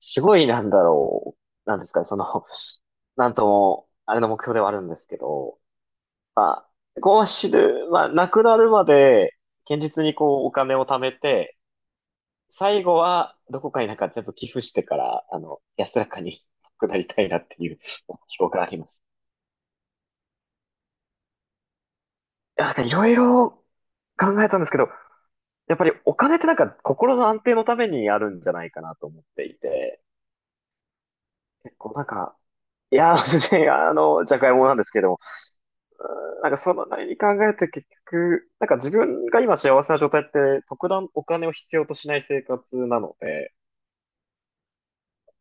すごいなんですかね、その、なんとも、あれの目標ではあるんですけど、まあ、こう死ぬ、まあ、亡くなるまで、堅実にお金を貯めて、最後は、どこかに全部寄付してから、安らかに 亡くなりたいなっていう 目標があります。いろいろ考えたんですけど、やっぱりお金って心の安定のためにあるんじゃないかなと思っていて、結構なんか、いや、全然、じゃがいもなんですけども、なんかその何に考えて結局、自分が今幸せな状態って特段お金を必要としない生活なので、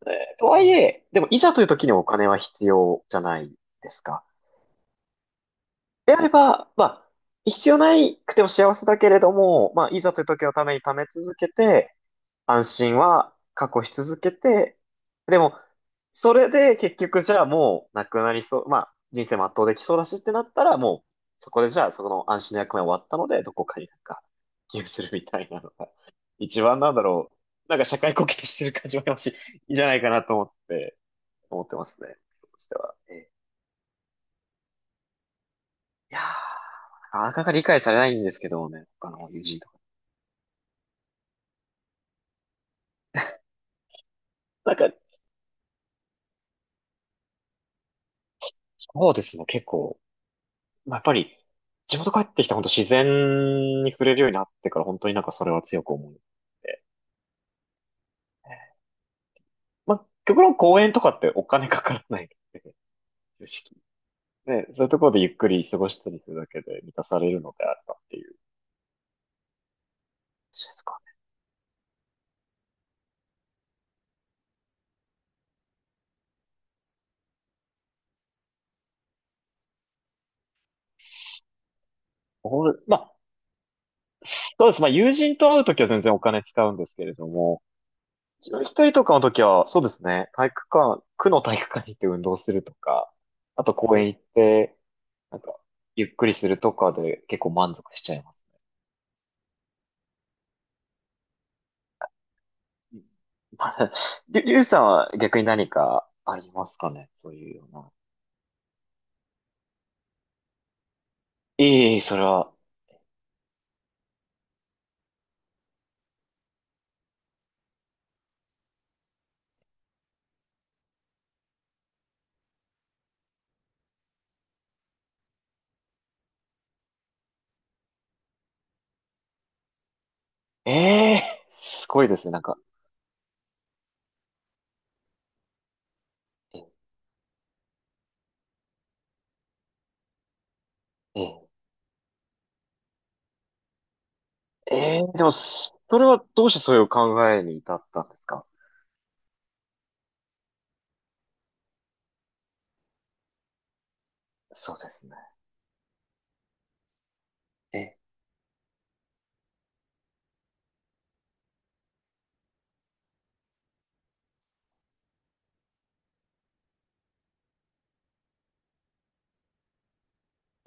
えはいえ、でもいざという時にお金は必要じゃないですか。であれば、まあ、必要なくても幸せだけれども、まあ、いざという時のために貯め続けて、安心は確保し続けて、でも、それで結局じゃあもうなくなりそう、まあ人生全うできそうだしってなったらもうそこでじゃあそこの安心の役目終わったのでどこかに寄付するみたいなのが一番社会貢献してる感じもあるし、いいんじゃないかなと思って、思ってますね。としては。ええ、いやー、なかなか理解されないんですけどね、他の友人とか。なんか、そうですね、結構。まあやっぱり、地元帰ってきた本当自然に触れるようになってから本当にそれは強く思うので。まあ、極論公園とかってお金かからないので、正直。ね、そういうところでゆっくり過ごしたりするだけで満たされるのであればっていう感じですかね。ほんまあ、そうです。まあ、友人と会うときは全然お金使うんですけれども、自分一人とかのときは、そうですね、体育館、区の体育館に行って運動するとか、あと公園行って、なんか、ゆっくりするとかで結構満足しちゃいますね。はりゅうさんは逆に何かありますかねそういうような。ええ、それは。ええ、すごいですね。ええ、ええ、でも、それはどうしてそういう考えに至ったんですか。そうですね。ええ、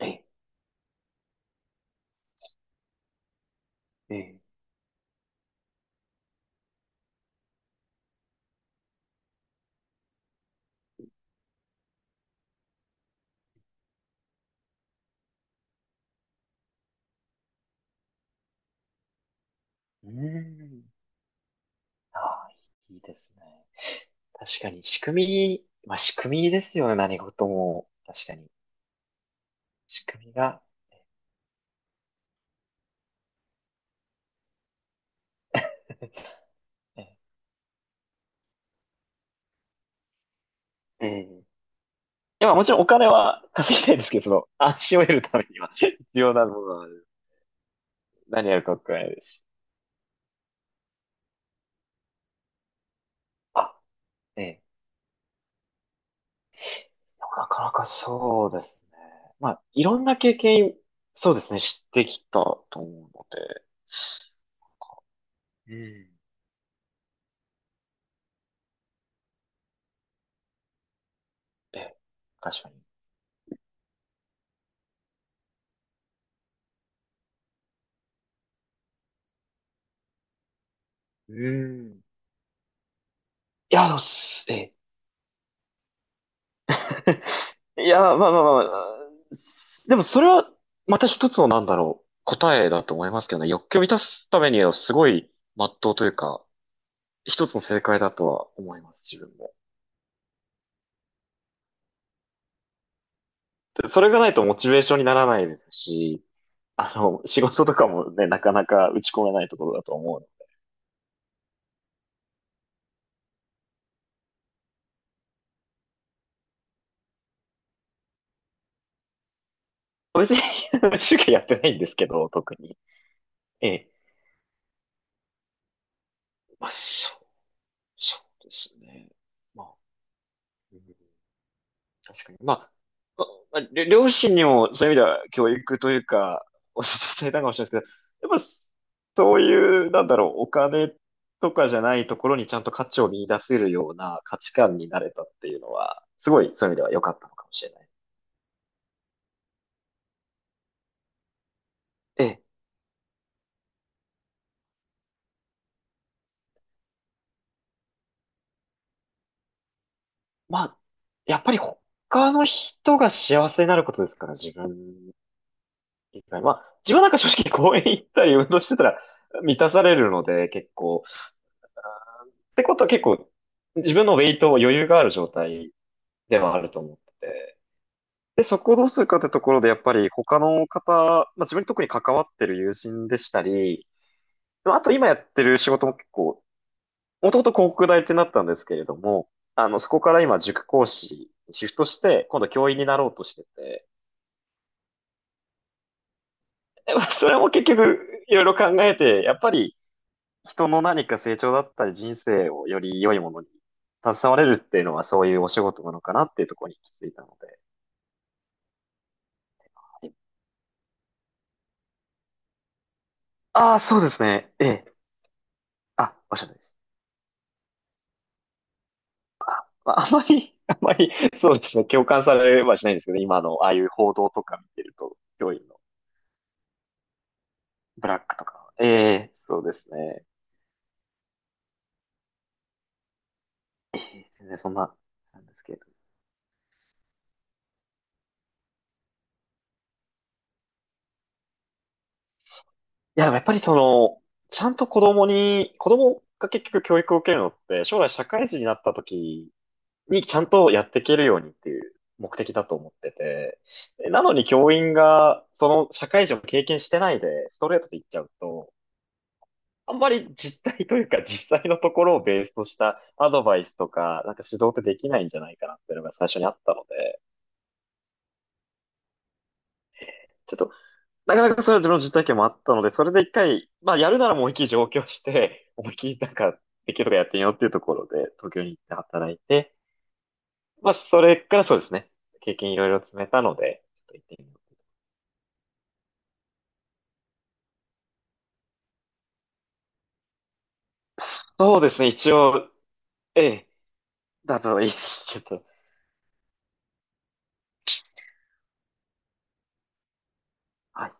ええ、ええ。うーん。ああ、いいですね。確かに仕組み、まあ仕組みですよね。何事も。確かに。仕組みが。ええ。ええ、いや、もちろんお金は稼ぎたいですけど、その、安心を得るためには 必要な部分は何やるかわからないですし。あ、ええ、なかなかそうですね。まあ、いろんな経験、そうですね、知ってきたと思うので。うん。ええ、確かに。うん。いや、でもすええ。いや、まあ、でもそれは、また一つの答えだと思いますけどね。欲求を満たすためには、すごい、まっとうというか、一つの正解だとは思います、自分も。でそれがないとモチベーションにならないですし、あの、仕事とかもね、なかなか打ち込めないところだと思うの。別に 主教やってないんですけど、特に。ええ。まあ、そうですね。まあ、うん、確かに。まあ、ままありょ両親にもそういう意味では教育というか、お伝えたかもしれないですけど、やっぱそういう、お金とかじゃないところにちゃんと価値を見出せるような価値観になれたっていうのは、すごいそういう意味では良かったのかもしれない。ええ。まあ、やっぱり他の人が幸せになることですから、自分以外。まあ、自分なんか正直公園行ったり運動してたら満たされるので、結構。ってことは結構、自分のウェイトを余裕がある状態ではあると思ってて。で、そこをどうするかってところで、やっぱり他の方、まあ自分に特に関わってる友人でしたり、まああと今やってる仕事も結構、もともと広告代理店だったんですけれども、あの、そこから今塾講師にシフトして、今度教員になろうとしてて、まあそれも結局、いろいろ考えて、やっぱり人の何か成長だったり人生をより良いものに携われるっていうのはそういうお仕事なのかなっていうところに行き着いたので。ああ、そうですね。ええ。あ、おっしゃるとおりです。あ、まああまり、そうですね。共感されはしないんですけど、今のああいう報道とか見てると、教員のブラックとか。ええ、そうですね。ええ、全然そんな、なんですけど。いや、でもやっぱりその、ちゃんと子供が結局教育を受けるのって、将来社会人になった時にちゃんとやっていけるようにっていう目的だと思ってて、なのに教員がその社会人を経験してないで、ストレートで言っちゃうと、あんまり実態というか実際のところをベースとしたアドバイスとか、指導ってできないんじゃないかなっていうのが最初にあったので、ちょっと、なかなかそれは自分の実体験もあったので、それで一回、まあやるならもう思いっきり上京して、思いっきりなんか、できるとかやってみようっていうところで、東京に行って働いて、まあそれからそうですね、経験いろいろ積めたので、ちょっと行ってみよう。そうですね、一応、ええ、だといいです。ちょっと、はい。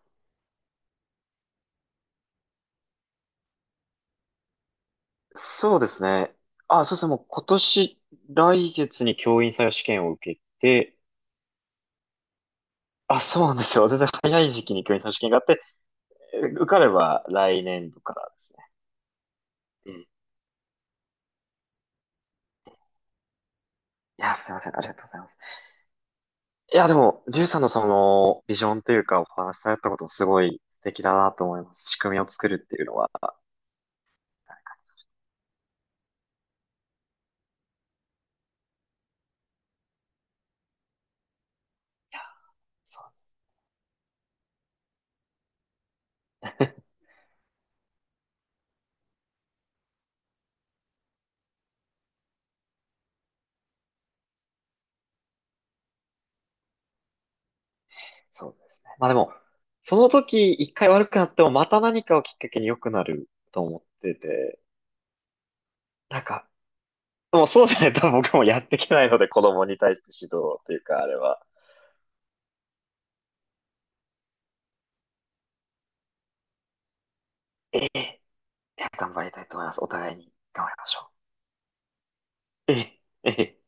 そうですね。もう来月に教員採用試験を受けて、あ、そうなんですよ。全然早い時期に教員採用試験があって、受かれば来年度からですね。いや、すいません。ありがとうございます。いや、でも、リュウさんのその、ビジョンというか、お話しされたことすごい素敵だなと思います。仕組みを作るっていうのは。いや、そうね そうですね。まあでも、その時一回悪くなっても、また何かをきっかけに良くなると思ってて、なんか、でもそうじゃないと 僕もやっていけないので、子供に対して指導というか、あれは。ええ、いや、頑張りたいと思います。お互いに頑張りましょう。ええ、ええ。